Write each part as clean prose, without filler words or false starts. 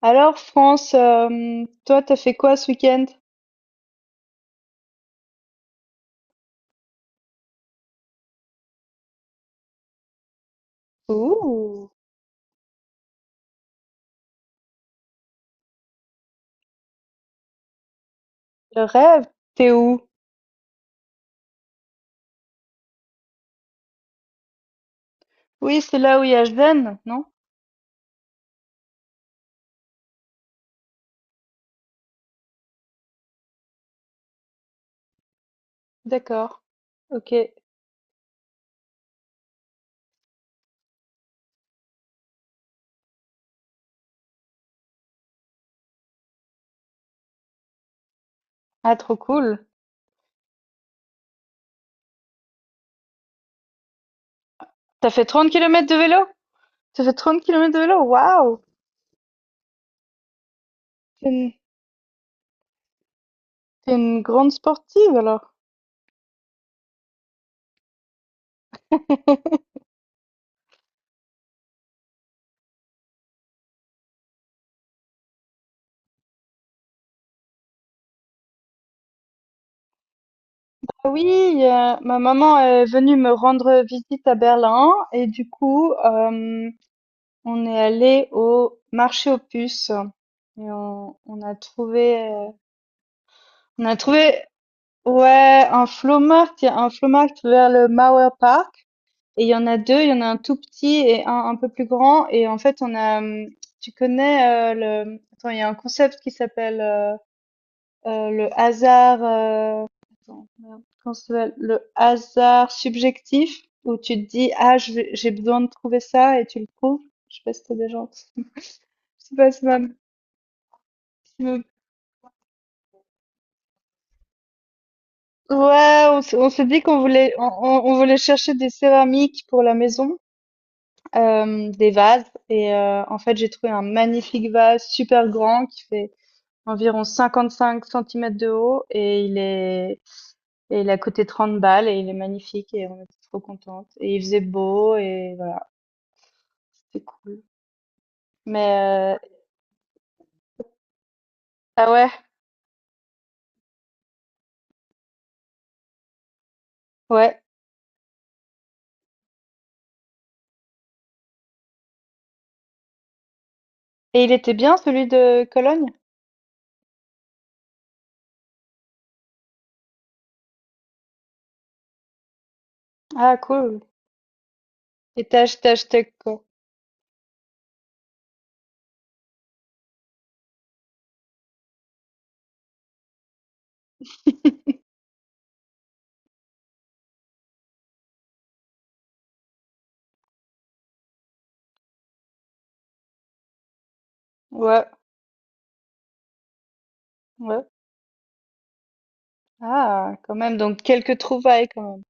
Alors, France, toi, t'as fait quoi ce week-end? Ouh, le rêve, t'es où? Oui, c'est là où il y a Zen, non? D'accord, ok. Ah, trop cool. T'as fait 30 km de vélo? T'as fait 30 km de vélo? Waouh! T'es une, t'es une grande sportive alors. Ah oui, ma maman est venue me rendre visite à Berlin et du coup, on est allé au marché aux puces et on a trouvé. Ouais, un flea il y a un flea vers le Mauer Park et il y en a deux, il y en a un tout petit et un peu plus grand. Et en fait, on a tu connais, le attends, il y a un concept qui s'appelle, le hasard, attends, merde, comment ça s'appelle? Le hasard subjectif où tu te dis: «Ah, je vais j'ai besoin de trouver ça», et tu le trouves. Je sais pas si tu déjà entendu. C'est pas si mal. Ouais, on s'est dit qu'on voulait chercher des céramiques pour la maison, des vases, et en fait, j'ai trouvé un magnifique vase super grand qui fait environ 55 centimètres de haut, et il est et il a coûté 30 balles, et il est magnifique, et on était trop contente, et il faisait beau, et voilà, c'était cool. Mais ah ouais? Ouais, et il était bien celui de Cologne? Ah cool, et tu as acheté quoi? Ouais, ouais. Ah quand même, donc quelques trouvailles quand même.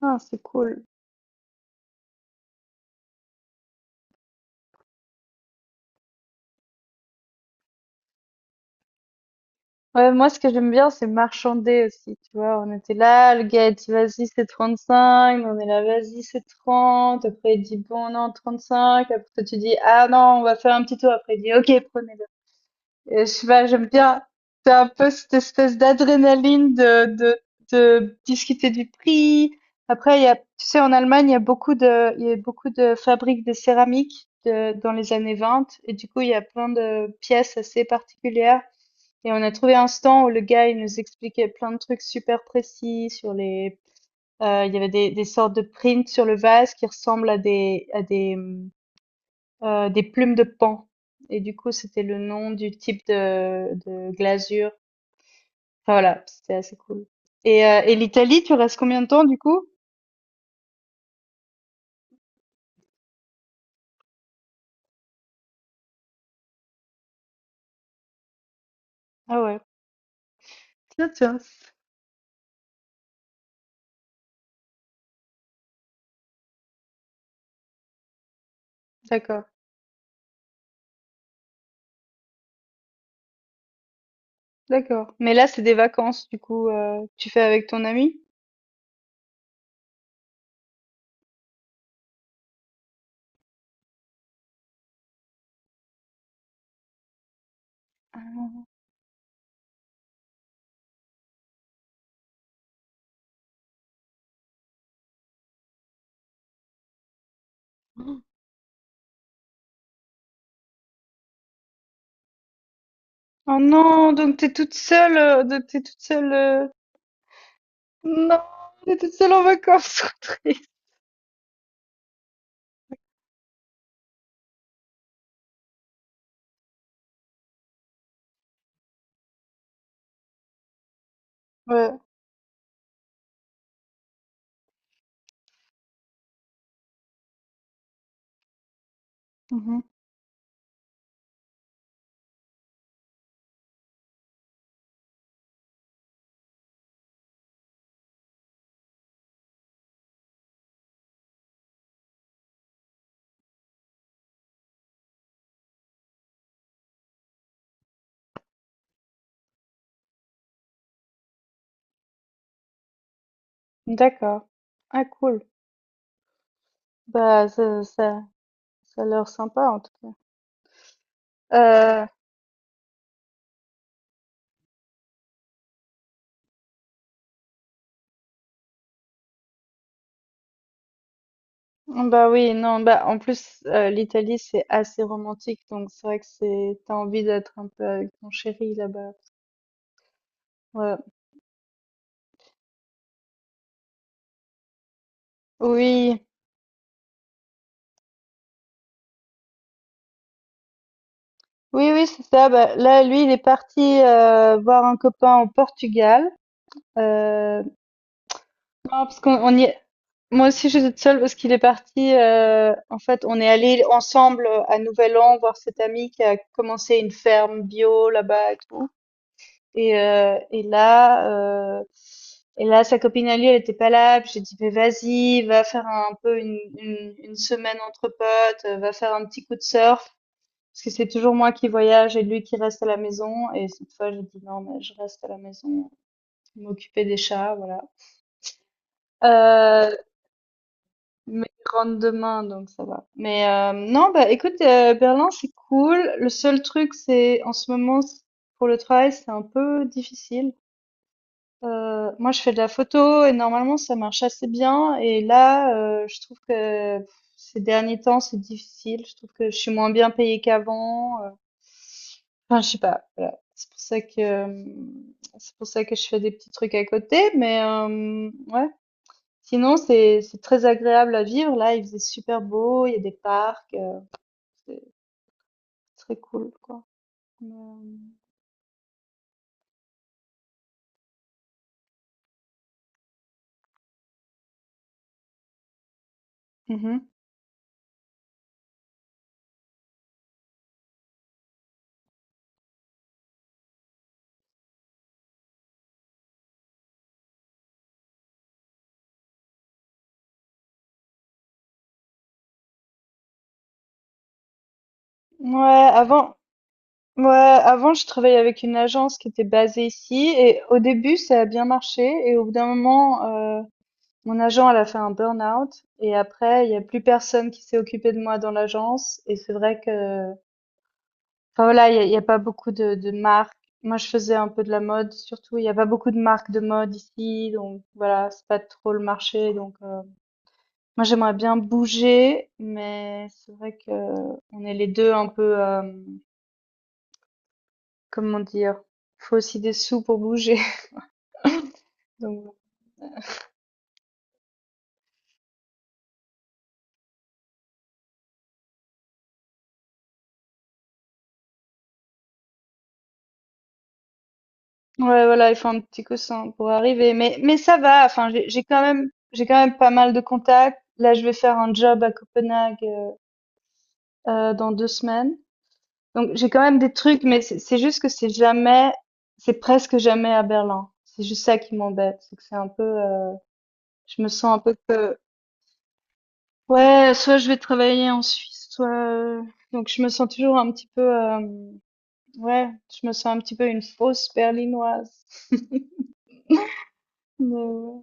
Ah, c'est cool. Ouais, moi, ce que j'aime bien, c'est marchander aussi, tu vois. On était là, le gars a dit, vas-y, c'est 35. Nous, on est là, vas-y, c'est 30. Après, il dit, bon, non, 35. Après, toi, tu dis, ah non, on va faire un petit tour. Après, il dit, ok, prenez-le. Et je sais pas, j'aime bien. C'est un peu cette espèce d'adrénaline de discuter du prix. Après, il y a, tu sais, en Allemagne, il y a beaucoup de, il y a beaucoup de fabriques de céramique dans les années 20. Et du coup, il y a plein de pièces assez particulières, et on a trouvé un stand où le gars, il nous expliquait plein de trucs super précis sur les, il y avait des sortes de prints sur le vase qui ressemblent à des plumes de paon. Et du coup, c'était le nom du type de glasure. Enfin voilà, c'était assez cool. Et l'Italie, tu restes combien de temps du coup? Ah ouais. Tiens, tiens. D'accord, d'accord. Mais là, c'est des vacances, du coup, tu fais avec ton ami? Oh. Oh non, donc t'es toute seule, donc t'es toute seule. Non, tu es toute seule en vacances, trop triste. Ouais. Mhm. D'accord. Ah cool. Bah ça a l'air sympa en tout cas. Euh, Bah oui, non, bah en plus l'Italie c'est assez romantique, donc c'est vrai que c'est t'as envie d'être un peu avec ton chéri là-bas. Ouais. Oui, oui, oui, c'est ça. Bah, là, lui, il est parti voir un copain au Portugal. Euh, Non, parce qu'on on y est... Moi aussi, j'étais toute seule parce qu'il est parti. En fait, on est allé ensemble à Nouvel An voir cet ami qui a commencé une ferme bio là-bas et tout. Et, euh, et là, euh, et là, sa copine à lui, elle était pas là. Puis j'ai dit, mais vas-y, va faire un peu une semaine entre potes, va faire un petit coup de surf. Parce que c'est toujours moi qui voyage et lui qui reste à la maison. Et cette fois, j'ai dit, non, mais je reste à la maison, m'occuper des chats, voilà. Euh, Mais il rentre demain, donc ça va. Mais non, bah écoute, Berlin, c'est cool. Le seul truc, c'est en ce moment, pour le travail, c'est un peu difficile. Moi, je fais de la photo et normalement, ça marche assez bien. Et là, je trouve que ces derniers temps, c'est difficile. Je trouve que je suis moins bien payée qu'avant. Enfin, je sais pas. Voilà. C'est pour ça que je fais des petits trucs à côté. Mais ouais. Sinon, c'est très agréable à vivre. Là, il faisait super beau, il y a des parcs, c'est très cool, quoi. Mais, mhm. Ouais, avant, ouais, avant, je travaillais avec une agence qui était basée ici, et au début, ça a bien marché, et au bout d'un moment, euh, mon agent, elle a fait un burn-out, et après, il y a plus personne qui s'est occupé de moi dans l'agence, et c'est vrai que. Enfin voilà, il y a pas beaucoup de marques. Moi, je faisais un peu de la mode, surtout. Il y a pas beaucoup de marques de mode ici, donc voilà, c'est pas trop le marché. Donc moi, j'aimerais bien bouger, mais c'est vrai que on est les deux un peu, comment dire, faut aussi des sous pour bouger. Donc ouais, voilà, il faut un petit coussin pour arriver. Mais ça va. Enfin, j'ai quand même pas mal de contacts. Là, je vais faire un job à Copenhague dans deux semaines. Donc j'ai quand même des trucs, mais c'est juste que c'est jamais, c'est presque jamais à Berlin. C'est juste ça qui m'embête, c'est que c'est un peu, je me sens un peu que, ouais, soit je vais travailler en Suisse, soit, donc je me sens toujours un petit peu, ouais, je me sens un petit peu une fausse berlinoise. Mais ouais.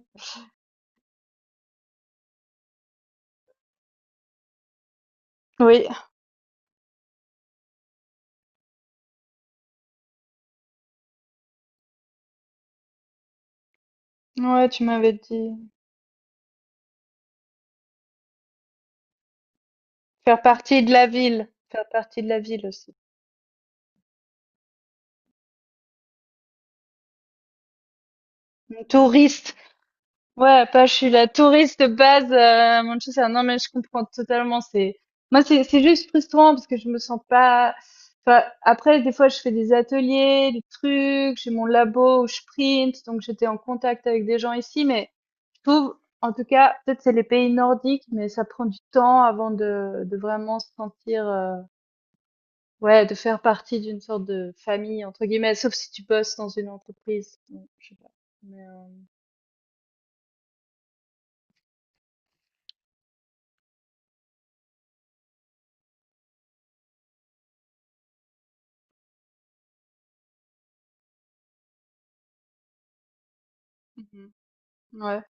Oui, ouais, tu m'avais dit, faire partie de la ville, faire partie de la ville aussi, une touriste. Ouais, pas je suis la touriste de base à Manchester. Non, mais je comprends totalement. C'est moi, c'est juste frustrant parce que je me sens pas. Enfin, après, des fois, je fais des ateliers, des trucs. J'ai mon labo où je print, donc j'étais en contact avec des gens ici. Mais je trouve, en tout cas, peut-être c'est les pays nordiques, mais ça prend du temps avant de vraiment se sentir, ouais, de faire partie d'une sorte de famille entre guillemets. Sauf si tu bosses dans une entreprise. Donc, je sais pas. Mais mhm. Ouais,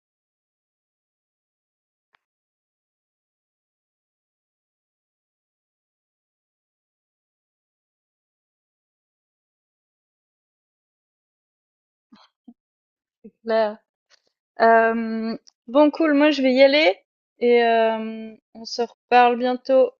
c'est clair. Euh, bon, cool, moi je vais y aller et on se reparle bientôt.